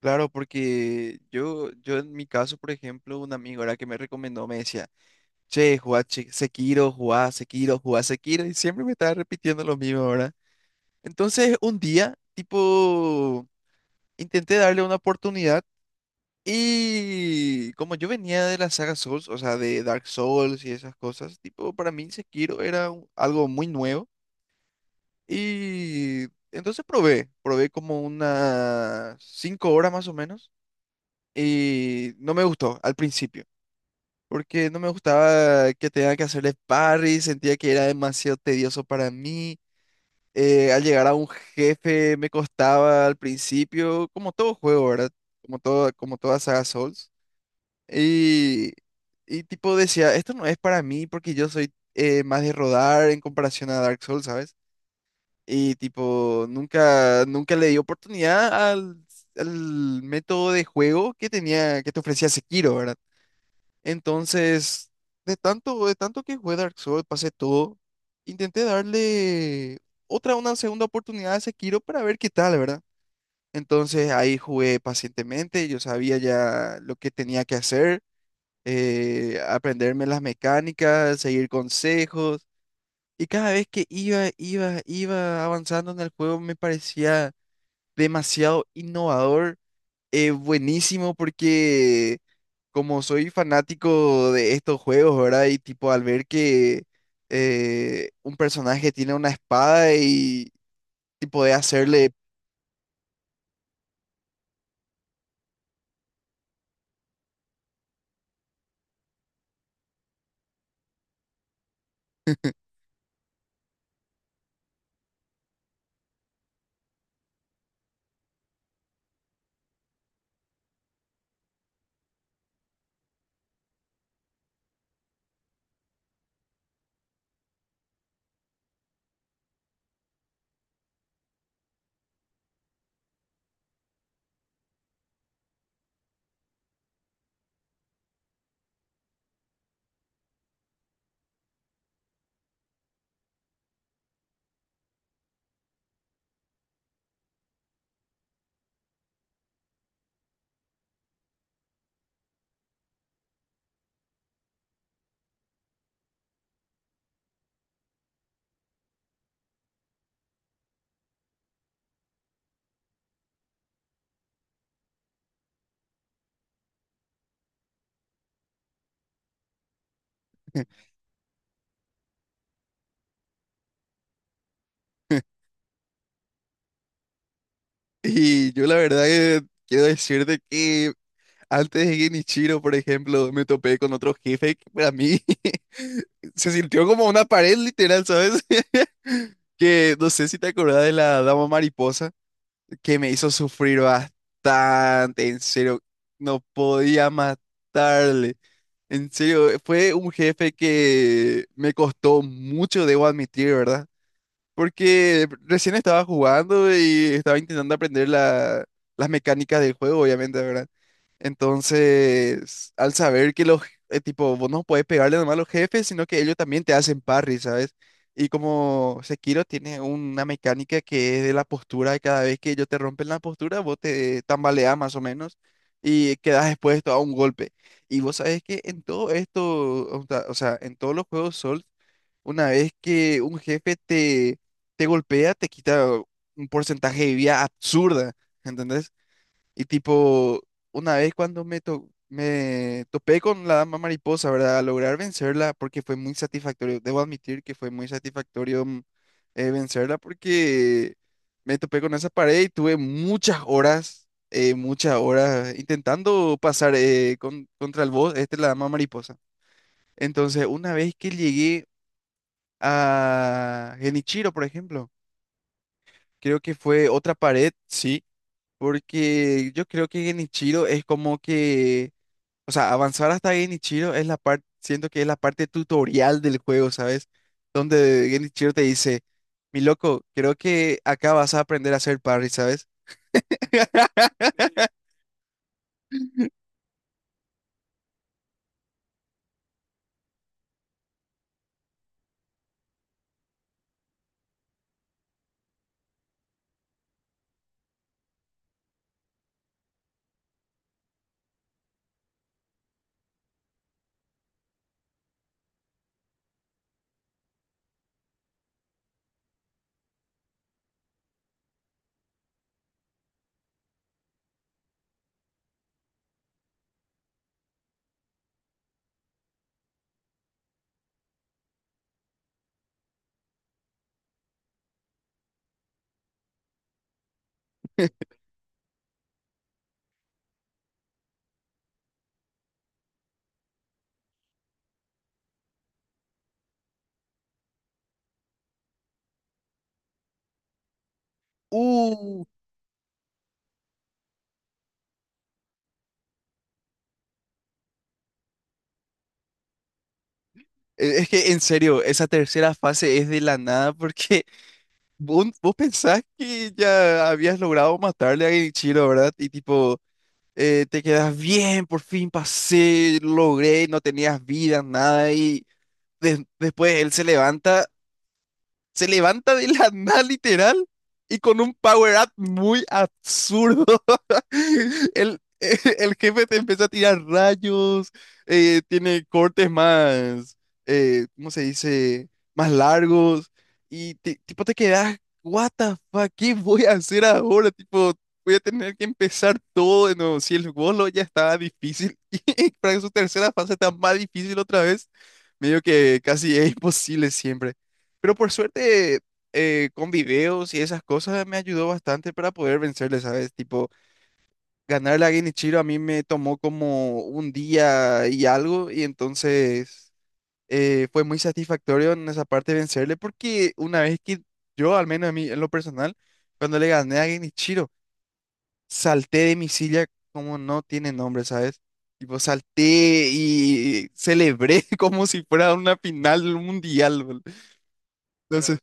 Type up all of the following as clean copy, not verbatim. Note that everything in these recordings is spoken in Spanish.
Claro, porque yo en mi caso, por ejemplo, un amigo era que me recomendó, me decía, che, jugá Sekiro, jugá Sekiro, jugá Sekiro, y siempre me estaba repitiendo lo mismo, ¿verdad? Entonces, un día, tipo, intenté darle una oportunidad y como yo venía de la saga Souls, o sea, de Dark Souls y esas cosas, tipo, para mí Sekiro era algo muy nuevo y entonces probé como unas 5 horas más o menos. Y no me gustó al principio, porque no me gustaba que tenga que hacerle parry, sentía que era demasiado tedioso para mí. Al llegar a un jefe me costaba al principio, como todo juego, ¿verdad? Como todo, como toda saga Souls. Y, y tipo decía, esto no es para mí porque yo soy más de rodar en comparación a Dark Souls, ¿sabes? Y tipo, nunca le di oportunidad al método de juego que tenía, que te ofrecía Sekiro, ¿verdad? Entonces, de tanto que jugué Dark Souls, pasé todo, intenté darle otra, una segunda oportunidad a Sekiro para ver qué tal, ¿verdad? Entonces ahí jugué pacientemente, yo sabía ya lo que tenía que hacer, aprenderme las mecánicas, seguir consejos, y cada vez que iba avanzando en el juego me parecía demasiado innovador buenísimo porque como soy fanático de estos juegos, ¿verdad? Y tipo al ver que un personaje tiene una espada y tipo de hacerle... Y yo la verdad que quiero decirte que antes de Genichiro, por ejemplo, me topé con otro jefe que para mí se sintió como una pared literal, ¿sabes? Que no sé si te acordás de la dama mariposa. Que me hizo sufrir bastante, en serio, no podía matarle. En serio, fue un jefe que me costó mucho, debo admitir, ¿verdad? Porque recién estaba jugando y estaba intentando aprender las mecánicas del juego, obviamente, ¿verdad? Entonces, al saber que los, tipo, vos no podés pegarle nomás a los jefes, sino que ellos también te hacen parry, ¿sabes? Y como Sekiro tiene una mecánica que es de la postura, cada vez que ellos te rompen la postura, vos te tambaleás más o menos y quedás expuesto a un golpe. Y vos sabés que en todo esto, o sea, en todos los juegos Souls, una vez que un jefe te, te golpea, te quita un porcentaje de vida absurda, ¿entendés? Y tipo, una vez cuando me topé con la dama mariposa, ¿verdad? A lograr vencerla, porque fue muy satisfactorio, debo admitir que fue muy satisfactorio vencerla, porque me topé con esa pared y tuve muchas horas intentando pasar contra el boss, este, la dama mariposa. Entonces, una vez que llegué a Genichiro, por ejemplo. Creo que fue otra pared, sí, porque yo creo que Genichiro es como que, o sea, avanzar hasta Genichiro es la parte, siento que es la parte tutorial del juego, ¿sabes? Donde Genichiro te dice, mi loco, creo que acá vas a aprender a hacer parry, ¿sabes? Uh, es que en serio, esa tercera fase es de la nada porque vos pensás que ya habías logrado matarle a Genichiro, ¿verdad? Y tipo... te quedas bien, por fin pasé, logré, no tenías vida, nada, y después él se levanta, se levanta de la nada literal y con un power up muy absurdo. El jefe te empieza a tirar rayos, tiene cortes más, ¿cómo se dice? Más largos y tipo te quedas, what the fuck, ¿qué voy a hacer ahora? Tipo, voy a tener que empezar todo de nuevo. Si el bolo ya estaba difícil y para su tercera fase está más difícil otra vez, medio que casi es imposible siempre. Pero por suerte, con videos y esas cosas me ayudó bastante para poder vencerle, ¿sabes? Tipo, ganar la Genichiro a mí me tomó como un día y algo, y entonces fue muy satisfactorio en esa parte vencerle, porque una vez que yo, al menos a mí, en lo personal, cuando le gané a Genichiro, salté de mi silla como no tiene nombre, ¿sabes? Tipo, salté y celebré como si fuera una final mundial, bol. Entonces,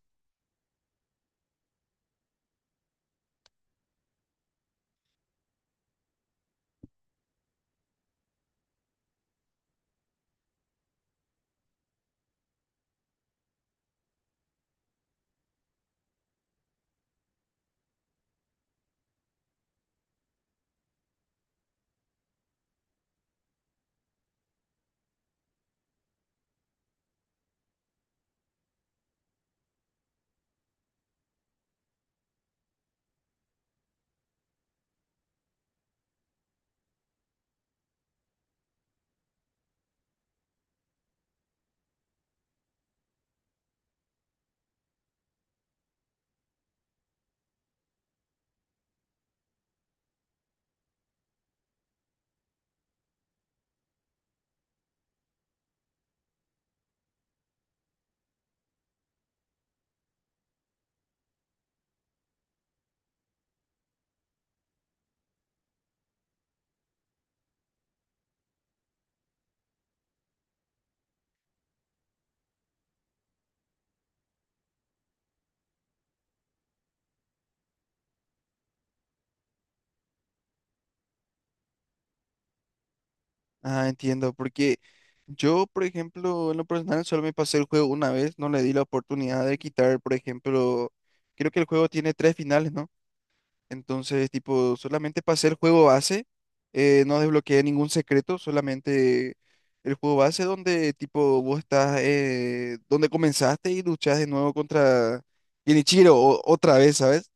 ah, entiendo, porque yo, por ejemplo, en lo personal solo me pasé el juego una vez, no le di la oportunidad de quitar, por ejemplo, creo que el juego tiene tres finales, ¿no? Entonces, tipo, solamente pasé el juego base, no desbloqueé ningún secreto, solamente el juego base donde, tipo, vos estás, donde comenzaste y luchás de nuevo contra Genichiro otra vez, ¿sabes?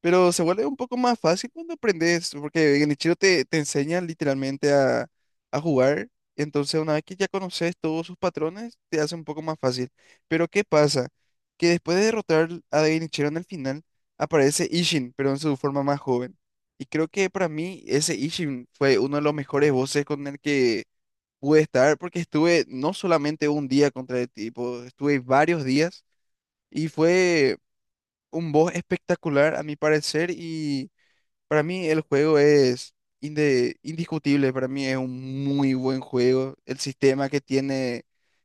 Pero se vuelve un poco más fácil cuando aprendes, porque Genichiro te, te enseña literalmente a jugar. Entonces, una vez que ya conoces todos sus patrones, te hace un poco más fácil. Pero, ¿qué pasa? Que después de derrotar a Genichiro en el final, aparece Ishin, pero en su forma más joven. Y creo que para mí ese Ishin fue uno de los mejores voces con el que pude estar, porque estuve no solamente un día contra el tipo, estuve varios días y fue un boss espectacular a mi parecer y para mí el juego es indiscutible, para mí es un muy buen juego. El sistema que tiene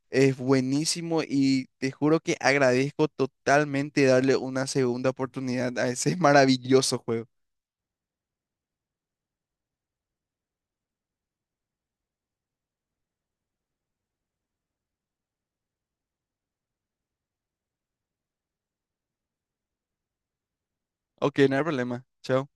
es buenísimo y te juro que agradezco totalmente darle una segunda oportunidad a ese maravilloso juego. Ok, no hay problema. Chao.